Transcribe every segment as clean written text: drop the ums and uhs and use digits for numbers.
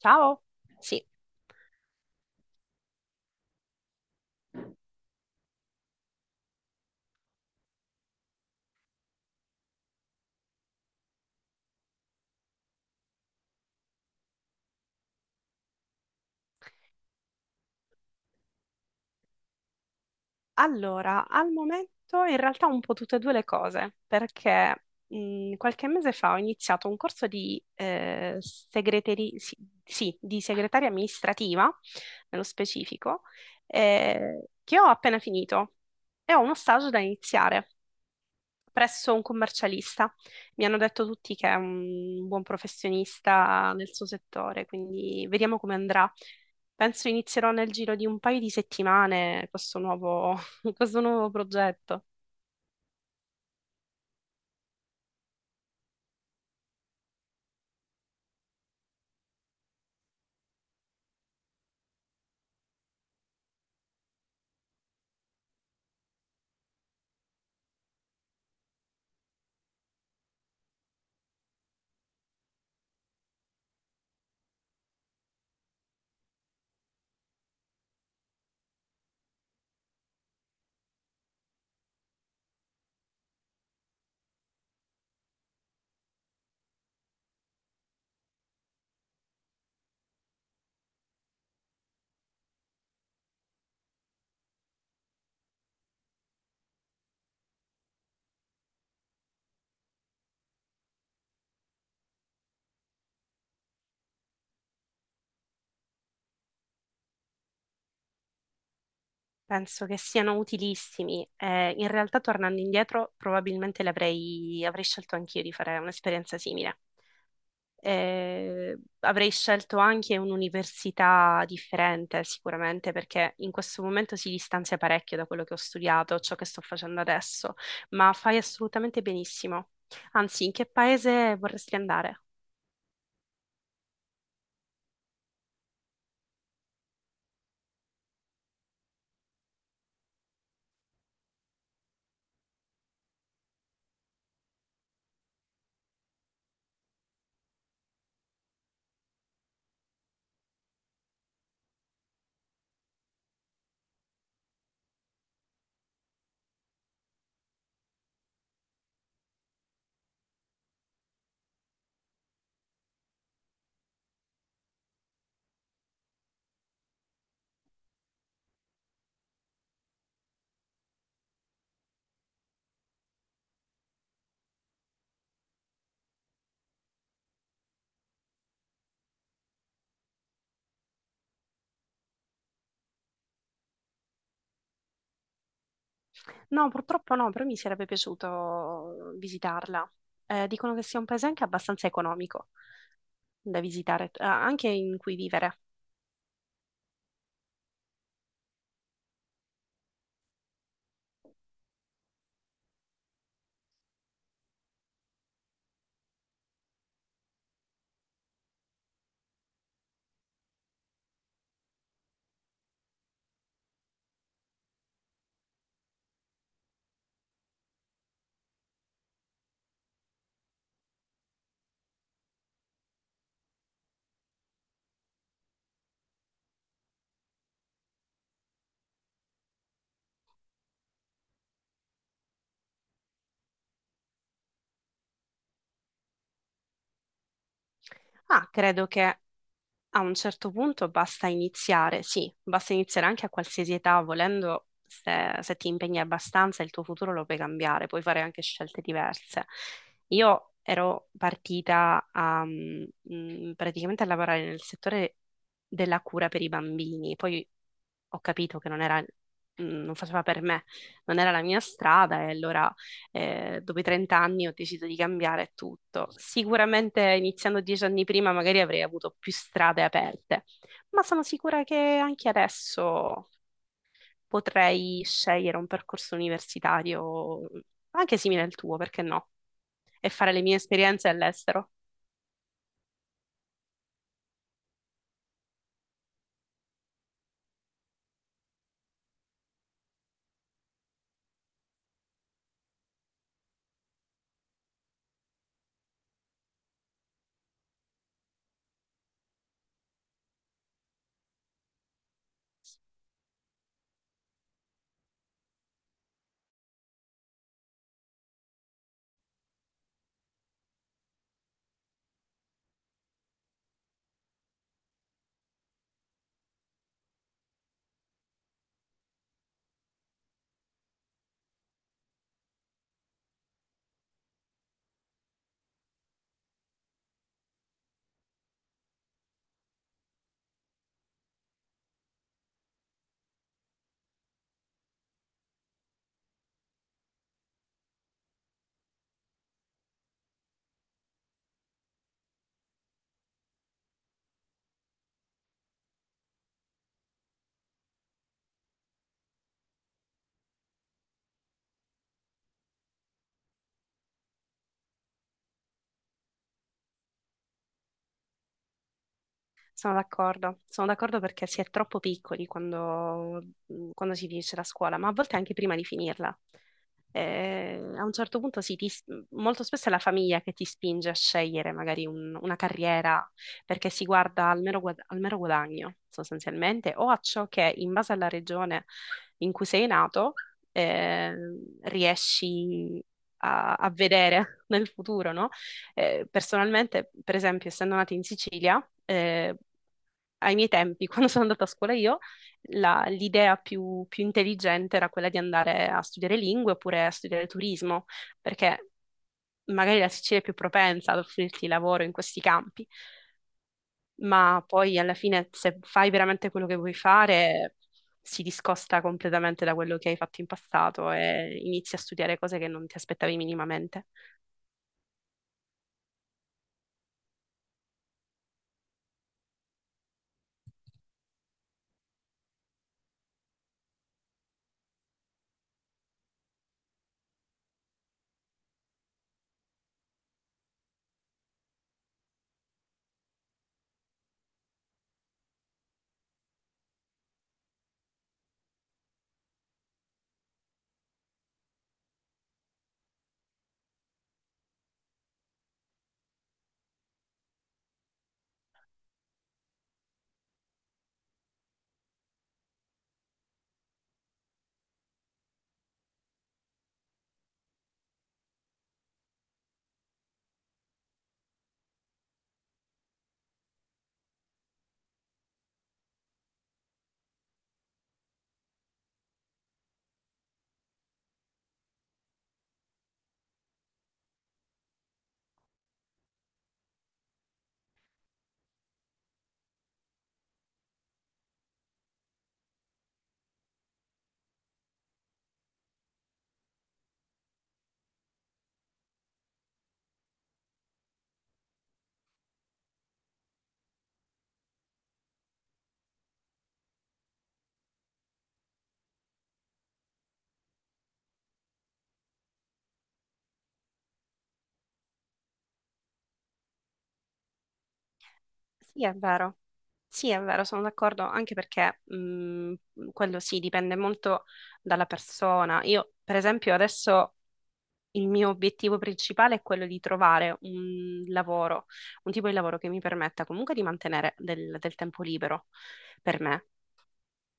Ciao. Sì. Allora, al momento in realtà un po' tutte e due le cose, perché qualche mese fa ho iniziato un corso di, sì, sì, di segretaria amministrativa, nello specifico, che ho appena finito e ho uno stage da iniziare presso un commercialista. Mi hanno detto tutti che è un buon professionista nel suo settore, quindi vediamo come andrà. Penso inizierò nel giro di un paio di settimane questo nuovo progetto. Penso che siano utilissimi. In realtà, tornando indietro, probabilmente avrei scelto anch'io di fare un'esperienza simile. Avrei scelto anche un'università differente, sicuramente, perché in questo momento si distanzia parecchio da quello che ho studiato, ciò che sto facendo adesso, ma fai assolutamente benissimo. Anzi, in che paese vorresti andare? No, purtroppo no, però mi sarebbe piaciuto visitarla. Dicono che sia un paese anche abbastanza economico da visitare, anche in cui vivere. Ah, credo che A un certo punto basta iniziare, sì, basta iniziare anche a qualsiasi età, volendo, se ti impegni abbastanza, il tuo futuro lo puoi cambiare, puoi fare anche scelte diverse. Io ero partita praticamente a lavorare nel settore della cura per i bambini, poi ho capito che non era, mm, non faceva per me, non era la mia strada e allora dopo i 30 anni ho deciso di cambiare tutto. Sicuramente iniziando 10 anni prima magari avrei avuto più strade aperte, ma sono sicura che anche adesso potrei scegliere un percorso universitario anche simile al tuo, perché no? E fare le mie esperienze all'estero. Sono d'accordo perché si è troppo piccoli quando si finisce la scuola, ma a volte anche prima di finirla. Eh, a un certo punto sì, molto spesso è la famiglia che ti spinge a scegliere magari una carriera perché si guarda al mero guadagno sostanzialmente o a ciò che in base alla regione in cui sei nato eh, riesci a, a vedere nel futuro, no? Personalmente, per esempio, essendo nata in Sicilia, ai miei tempi, quando sono andata a scuola io, l'idea più intelligente era quella di andare a studiare lingue oppure a studiare turismo, perché magari la Sicilia è più propensa ad offrirti lavoro in questi campi, ma poi alla fine se fai veramente quello che vuoi fare, si discosta completamente da quello che hai fatto in passato e inizi a studiare cose che non ti aspettavi minimamente. Sì, è vero. Sì, è vero, sono d'accordo, anche perché quello sì, dipende molto dalla persona. Io, per esempio, adesso il mio obiettivo principale è quello di trovare un lavoro, un tipo di lavoro che mi permetta comunque di mantenere del tempo libero per me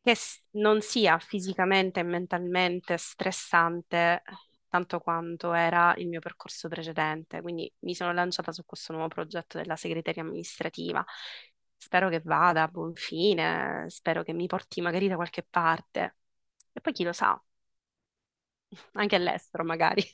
non sia fisicamente e mentalmente stressante tanto quanto era il mio percorso precedente. Quindi mi sono lanciata su questo nuovo progetto della segreteria amministrativa. Spero che vada a buon fine, spero che mi porti magari da qualche parte. E poi chi lo sa, anche all'estero magari.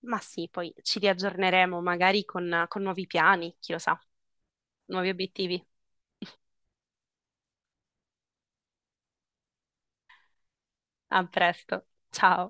Ma sì, poi ci riaggiorneremo magari con nuovi piani, chi lo sa, nuovi obiettivi. A presto, ciao.